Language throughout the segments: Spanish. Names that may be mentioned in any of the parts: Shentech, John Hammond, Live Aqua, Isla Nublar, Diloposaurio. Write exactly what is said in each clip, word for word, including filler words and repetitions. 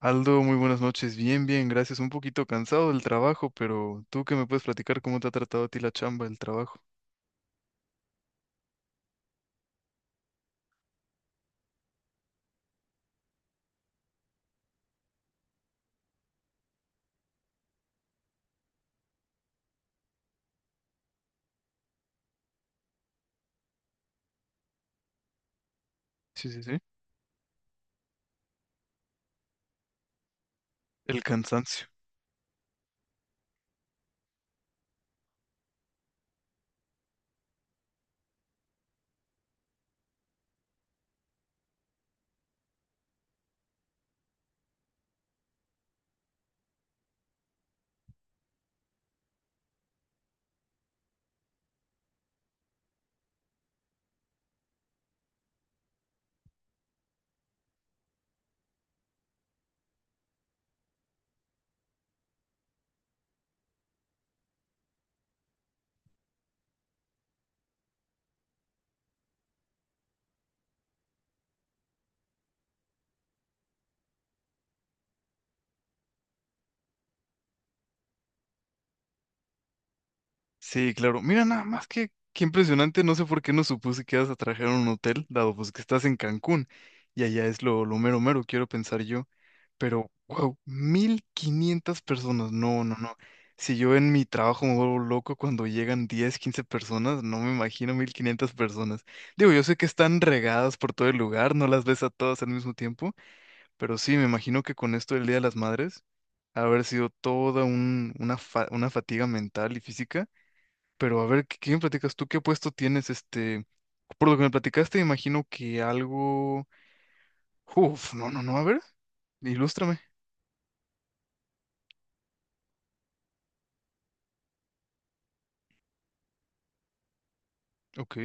Aldo, muy buenas noches. Bien, bien, gracias. Un poquito cansado del trabajo, pero tú que me puedes platicar cómo te ha tratado a ti la chamba, el trabajo. Sí, sí, sí. El cansancio. Sí, claro. Mira, nada más que qué impresionante. No sé por qué no supuse que ibas a trabajar en un hotel, dado pues que estás en Cancún y allá es lo, lo mero mero, quiero pensar yo. Pero, wow, mil quinientas personas. No, no, no. Si yo en mi trabajo me vuelvo loco cuando llegan diez quince personas, no me imagino mil quinientas personas. Digo, yo sé que están regadas por todo el lugar, no las ves a todas al mismo tiempo, pero sí, me imagino que con esto del Día de las Madres, ha haber sido toda un- una, fa- una fatiga mental y física. Pero a ver, ¿qué, qué me platicas tú? ¿Qué puesto tienes? Este, por lo que me platicaste, imagino que algo... Uf, no, no, no, a ver, ilústrame. Ok,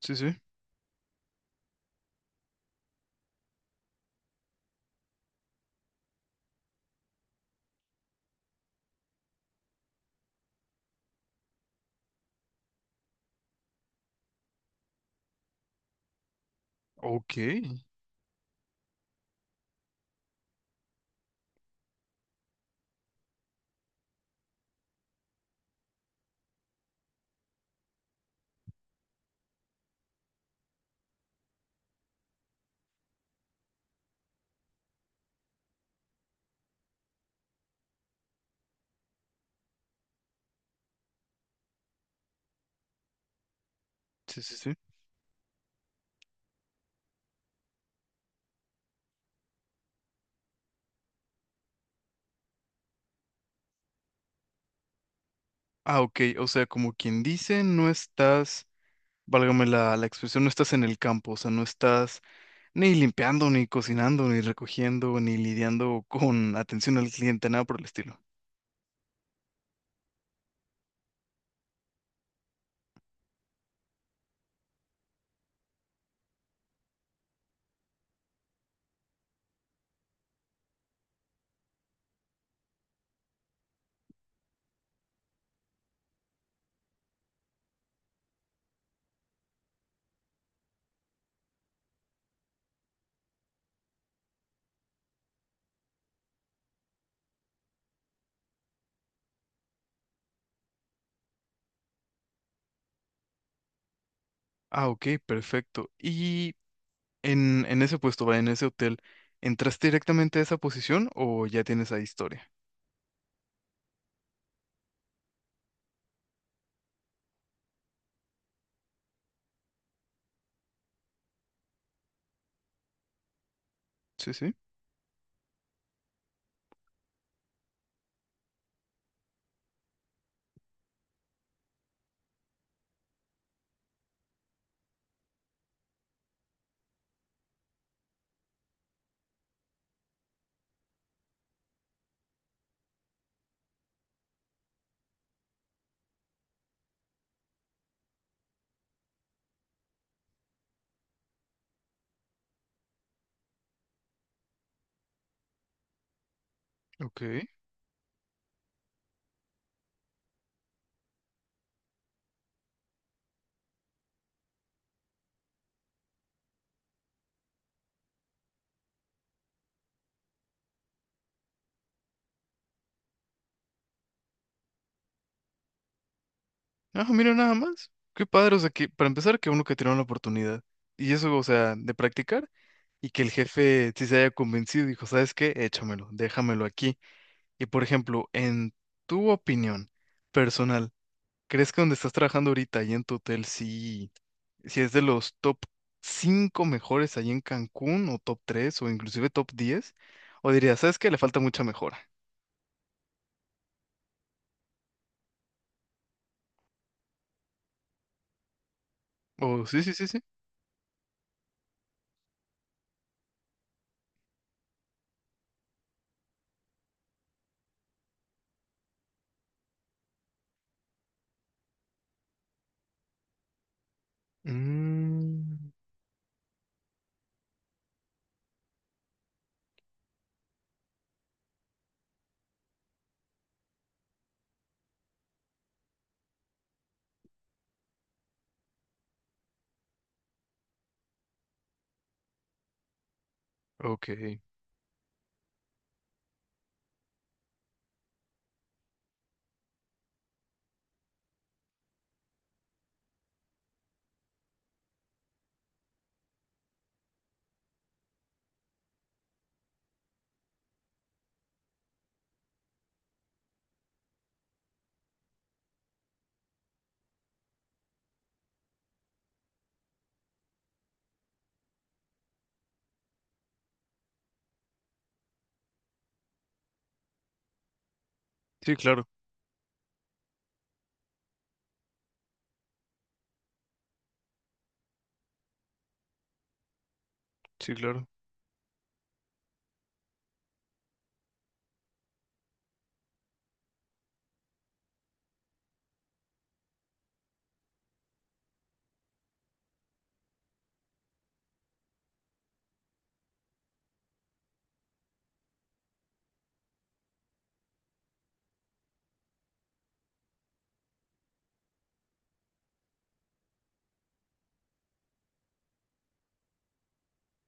sí, sí. Ok, sí, sí, sí. Ah, ok, o sea, como quien dice, no estás, válgame la, la expresión, no estás en el campo, o sea, no estás ni limpiando, ni cocinando, ni recogiendo, ni lidiando con atención al cliente, nada por el estilo. Ah, ok, perfecto. ¿Y en, en ese puesto, va, en ese hotel, entraste directamente a esa posición o ya tienes ahí historia? Sí, sí, ok. Ah, mira nada más. Qué padre, o sea, que para empezar, que uno que tiene la oportunidad. Y eso, o sea, de practicar. Y que el jefe sí se haya convencido, y dijo, ¿sabes qué? Échamelo, déjamelo aquí. Y por ejemplo, en tu opinión personal, ¿crees que donde estás trabajando ahorita, ahí en tu hotel, sí, sí es de los top cinco mejores ahí en Cancún, o top tres o inclusive top diez? ¿O dirías, ¿sabes qué? Le falta mucha mejora. O sí, sí, sí, sí. Mm, ok. Sí, claro, sí, claro.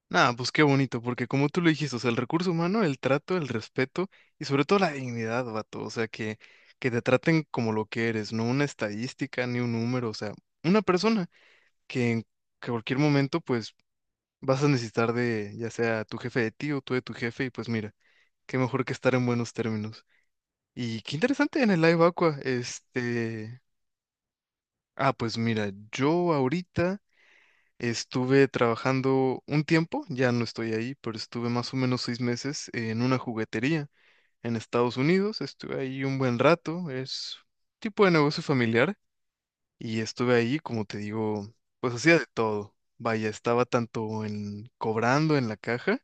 Nada, pues qué bonito, porque como tú lo dijiste, o sea, el recurso humano, el trato, el respeto y sobre todo la dignidad, vato, o sea, que, que te traten como lo que eres, no una estadística ni un número, o sea, una persona que en cualquier momento pues vas a necesitar de ya sea tu jefe de ti o tú de tu jefe y pues mira, qué mejor que estar en buenos términos. Y qué interesante en el Live Aqua, este... Ah, pues mira, yo ahorita... Estuve trabajando un tiempo, ya no estoy ahí, pero estuve más o menos seis meses en una juguetería en Estados Unidos. Estuve ahí un buen rato, es tipo de negocio familiar y estuve ahí, como te digo, pues hacía de todo. Vaya, estaba tanto en cobrando en la caja,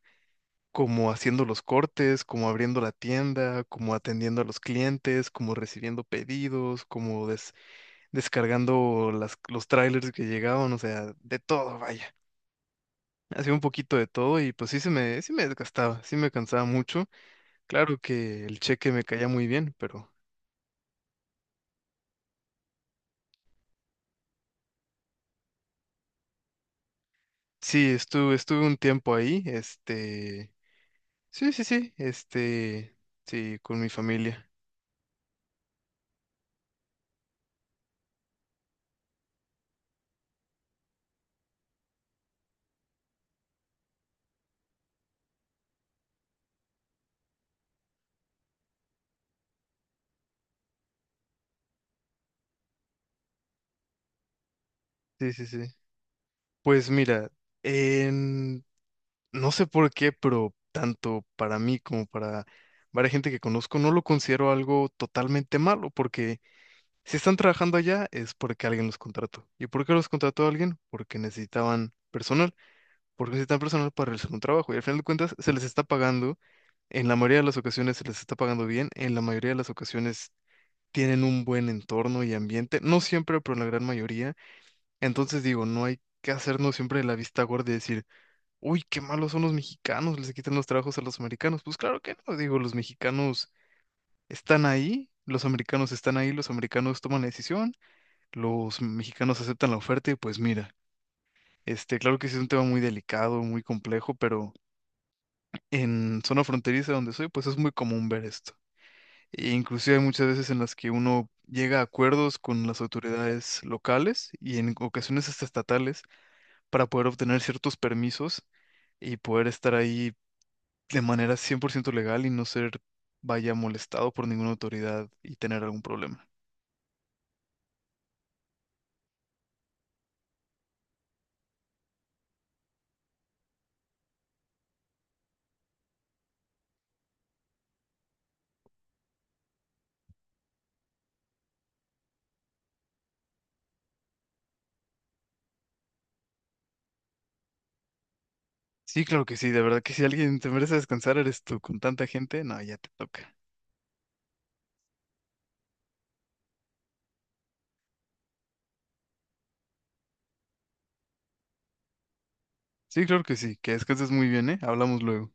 como haciendo los cortes, como abriendo la tienda, como atendiendo a los clientes, como recibiendo pedidos, como des- descargando las- los trailers que llegaban, o sea, de todo, vaya. Hacía un poquito de todo y pues sí se me, sí me desgastaba, sí me cansaba mucho. Claro que el cheque me caía muy bien, pero sí, estuve, estuve un tiempo ahí, este, sí, sí, sí, este, sí, con mi familia. Sí, sí, sí. Pues mira, en- no sé por qué, pero tanto para mí como para varias gente que conozco, no lo considero algo totalmente malo, porque si están trabajando allá es porque alguien los contrató. ¿Y por qué los contrató alguien? Porque necesitaban personas. ¿Por qué es tan personal para realizar un trabajo? Y al final de cuentas se les está pagando, en la mayoría de las ocasiones se les está pagando bien, en la mayoría de las ocasiones tienen un buen entorno y ambiente, no siempre, pero en la gran mayoría. Entonces digo, no hay que hacernos siempre la vista gorda y decir, uy, qué malos son los mexicanos, les quitan los trabajos a los americanos. Pues claro que no, digo, los mexicanos están ahí, los americanos están ahí, los americanos toman la decisión, los mexicanos aceptan la oferta y pues mira. Este, claro que sí es un tema muy delicado, muy complejo, pero en zona fronteriza donde soy, pues es muy común ver esto. E inclusive hay muchas veces en las que uno llega a acuerdos con las autoridades locales y en ocasiones hasta estatales para poder obtener ciertos permisos y poder estar ahí de manera cien por ciento legal y no ser, vaya, molestado por ninguna autoridad y tener algún problema. Sí, claro que sí, de verdad que si alguien te merece descansar, eres tú, con tanta gente, no, ya te toca. Sí, claro que sí, que descanses muy bien, ¿eh? Hablamos luego.